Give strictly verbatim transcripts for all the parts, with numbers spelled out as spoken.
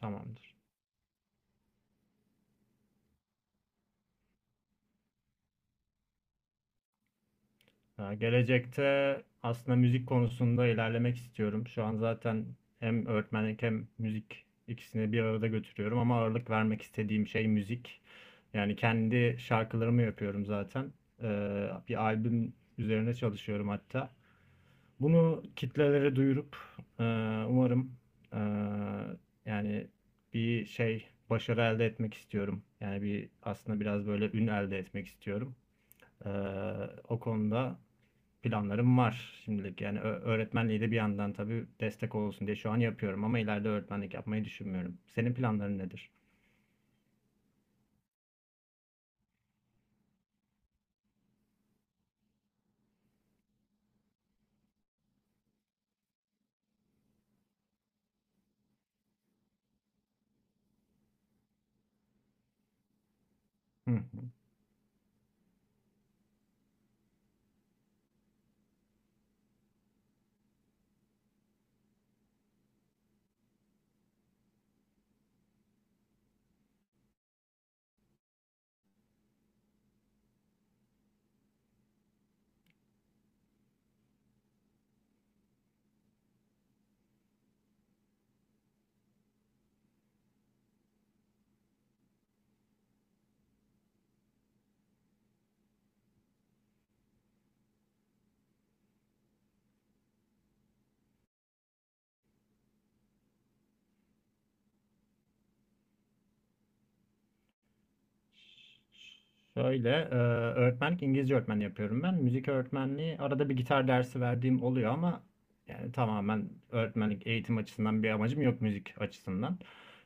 Tamamdır. Ee, gelecekte aslında müzik konusunda ilerlemek istiyorum. Şu an zaten hem öğretmenlik hem müzik ikisini bir arada götürüyorum ama ağırlık vermek istediğim şey müzik. Yani kendi şarkılarımı yapıyorum zaten. Ee, bir albüm üzerine çalışıyorum hatta. Bunu kitlelere duyurup e, umarım e, yani bir şey başarı elde etmek istiyorum. Yani bir aslında biraz böyle ün elde etmek istiyorum. Ee, O konuda planlarım var şimdilik. Yani ö- öğretmenliği de bir yandan tabii destek olsun diye şu an yapıyorum ama ileride öğretmenlik yapmayı düşünmüyorum. Senin planların nedir? Hı hı. Şöyle, e, öğretmenlik İngilizce öğretmen yapıyorum ben. Müzik öğretmenliği arada bir gitar dersi verdiğim oluyor ama yani tamamen öğretmenlik eğitim açısından bir amacım yok müzik açısından.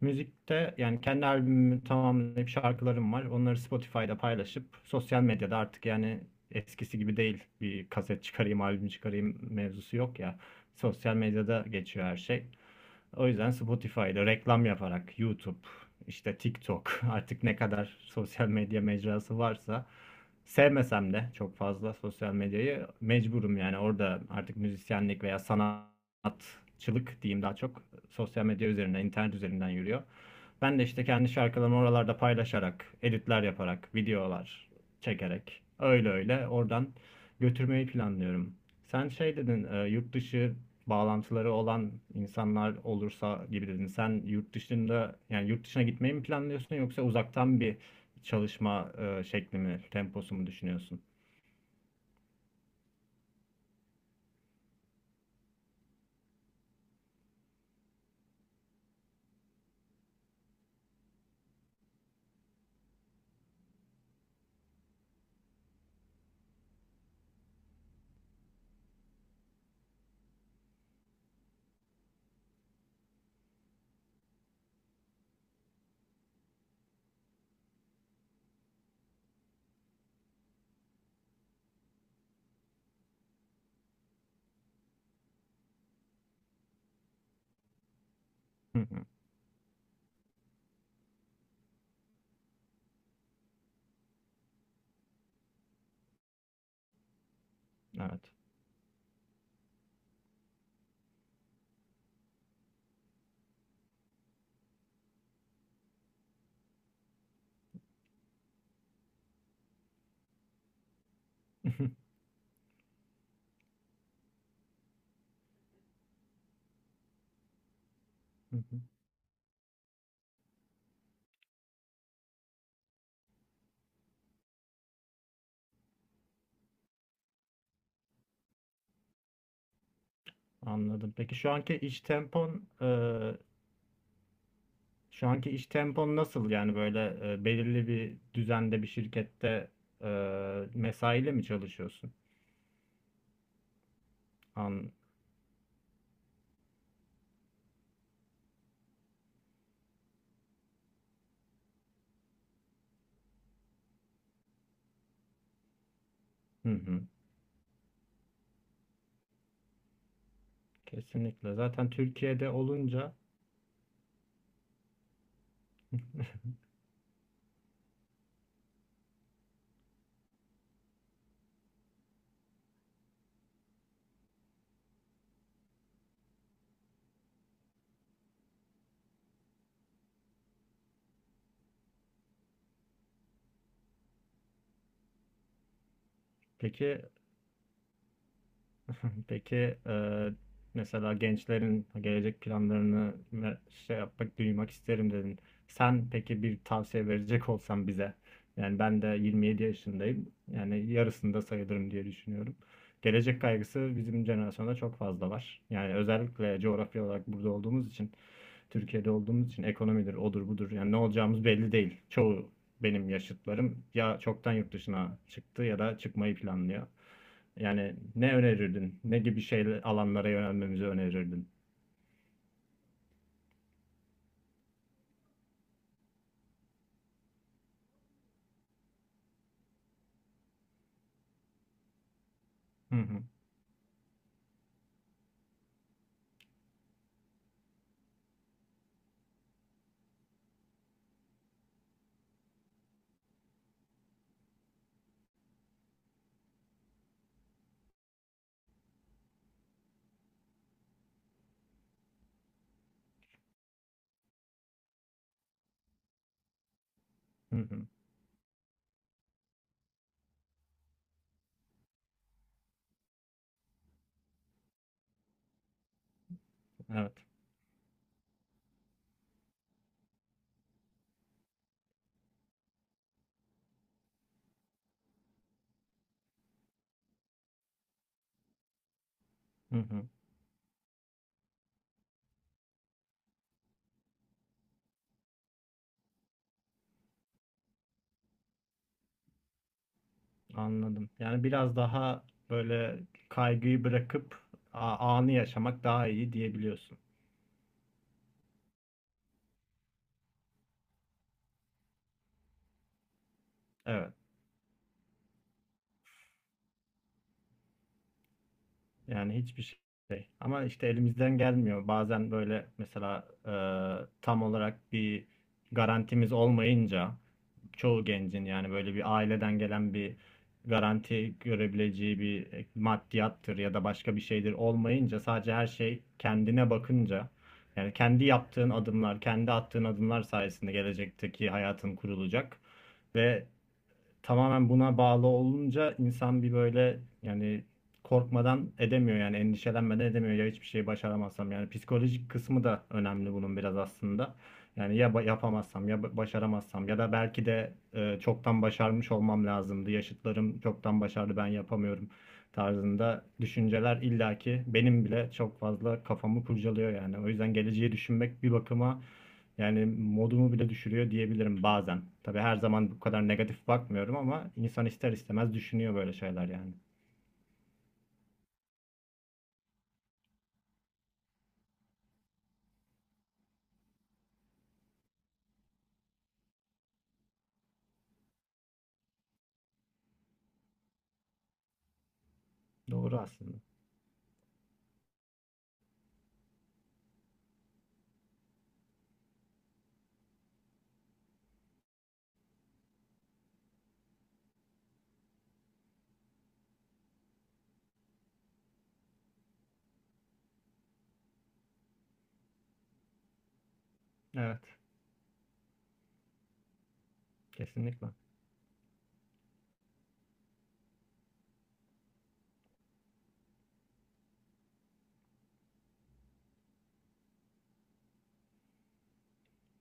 Müzikte yani kendi albümümü tamamlayıp şarkılarım var. Onları Spotify'da paylaşıp sosyal medyada artık yani eskisi gibi değil. Bir kaset çıkarayım, albüm çıkarayım mevzusu yok ya. Sosyal medyada geçiyor her şey. O yüzden Spotify'da reklam yaparak YouTube, işte TikTok artık ne kadar sosyal medya mecrası varsa sevmesem de çok fazla sosyal medyayı mecburum yani orada artık müzisyenlik veya sanatçılık diyeyim daha çok sosyal medya üzerinden, internet üzerinden yürüyor. Ben de işte kendi şarkılarımı oralarda paylaşarak, editler yaparak, videolar çekerek öyle öyle oradan götürmeyi planlıyorum. Sen şey dedin, e, yurt dışı bağlantıları olan insanlar olursa gibi dedin. Sen yurt dışında yani yurt dışına gitmeyi mi planlıyorsun yoksa uzaktan bir çalışma e, şekli mi, temposu mu düşünüyorsun? Hı hı. Evet. Anladım. Peki şu anki iş tempon e, şu anki iş tempon nasıl? Yani böyle e, belirli bir düzende bir şirkette e, mesaiyle mi çalışıyorsun? An, hı hı. Kesinlikle. Zaten Türkiye'de olunca Peki. Peki, e, mesela gençlerin gelecek planlarını ve şey yapmak, duymak isterim dedin. Sen peki bir tavsiye verecek olsan bize. Yani ben de yirmi yedi yaşındayım. Yani yarısında sayılırım diye düşünüyorum. Gelecek kaygısı bizim jenerasyonda çok fazla var. Yani özellikle coğrafya olarak burada olduğumuz için, Türkiye'de olduğumuz için ekonomidir, odur budur. Yani ne olacağımız belli değil. Çoğu benim yaşıtlarım ya çoktan yurt dışına çıktı ya da çıkmayı planlıyor. Yani ne önerirdin? Ne gibi şeyler alanlara yönelmemizi önerirdin? Hı hı, hı hı. Evet. Hı hı. Anladım. Yani biraz daha böyle kaygıyı bırakıp a- anı yaşamak daha iyi diyebiliyorsun. Evet. Yani hiçbir şey. Ama işte elimizden gelmiyor. Bazen böyle mesela e, tam olarak bir garantimiz olmayınca çoğu gencin yani böyle bir aileden gelen bir garanti görebileceği bir e, maddiyattır ya da başka bir şeydir olmayınca sadece her şey kendine bakınca yani kendi yaptığın adımlar, kendi attığın adımlar sayesinde gelecekteki hayatın kurulacak ve tamamen buna bağlı olunca insan bir böyle yani korkmadan edemiyor yani endişelenmeden edemiyor ya hiçbir şey başaramazsam yani psikolojik kısmı da önemli bunun biraz aslında. Yani ya ba- yapamazsam ya ba- başaramazsam ya da belki de e, çoktan başarmış olmam lazımdı. Yaşıtlarım çoktan başardı ben yapamıyorum tarzında düşünceler illaki benim bile çok fazla kafamı kurcalıyor yani. O yüzden geleceği düşünmek bir bakıma yani modumu bile düşürüyor diyebilirim bazen. Tabii her zaman bu kadar negatif bakmıyorum ama insan ister istemez düşünüyor böyle şeyler yani. Doğru aslında. Evet, kesinlikle.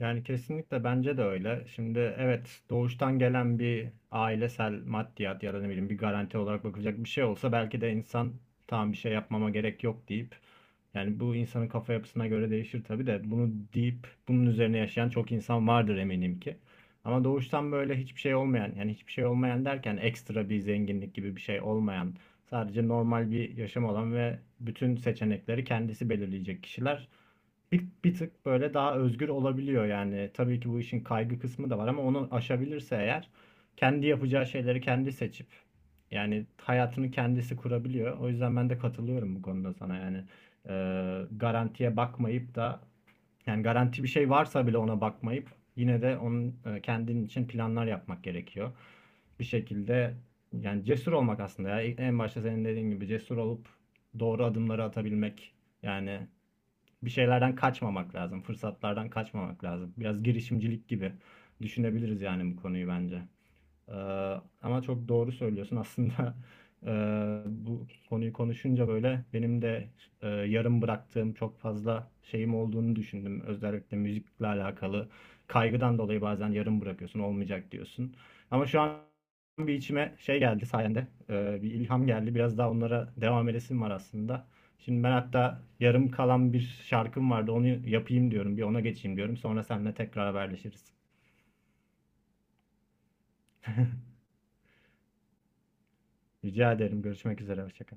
Yani kesinlikle bence de öyle. Şimdi evet doğuştan gelen bir ailesel maddiyat ya da ne bileyim bir garanti olarak bakılacak bir şey olsa belki de insan tamam bir şey yapmama gerek yok deyip yani bu insanın kafa yapısına göre değişir tabii de bunu deyip bunun üzerine yaşayan çok insan vardır eminim ki. Ama doğuştan böyle hiçbir şey olmayan yani hiçbir şey olmayan derken ekstra bir zenginlik gibi bir şey olmayan sadece normal bir yaşam olan ve bütün seçenekleri kendisi belirleyecek kişiler bir, bir tık böyle daha özgür olabiliyor yani. Tabii ki bu işin kaygı kısmı da var ama onu aşabilirse eğer kendi yapacağı şeyleri kendi seçip yani hayatını kendisi kurabiliyor. O yüzden ben de katılıyorum bu konuda sana yani. Ee, garantiye bakmayıp da yani garanti bir şey varsa bile ona bakmayıp yine de onun e, kendin için planlar yapmak gerekiyor. Bir şekilde yani cesur olmak aslında ya. E, En başta senin dediğin gibi cesur olup doğru adımları atabilmek yani bir şeylerden kaçmamak lazım. Fırsatlardan kaçmamak lazım. Biraz girişimcilik gibi düşünebiliriz yani bu konuyu bence. Ee, Ama çok doğru söylüyorsun. Aslında e, bu konuyu konuşunca böyle benim de e, yarım bıraktığım çok fazla şeyim olduğunu düşündüm. Özellikle müzikle alakalı kaygıdan dolayı bazen yarım bırakıyorsun, olmayacak diyorsun. Ama şu an bir içime şey geldi sayende, e, bir ilham geldi. Biraz daha onlara devam edesim var aslında. Şimdi ben hatta yarım kalan bir şarkım vardı. Onu yapayım diyorum. Bir ona geçeyim diyorum. Sonra seninle tekrar haberleşiriz. Rica ederim. Görüşmek üzere. Hoşça kal.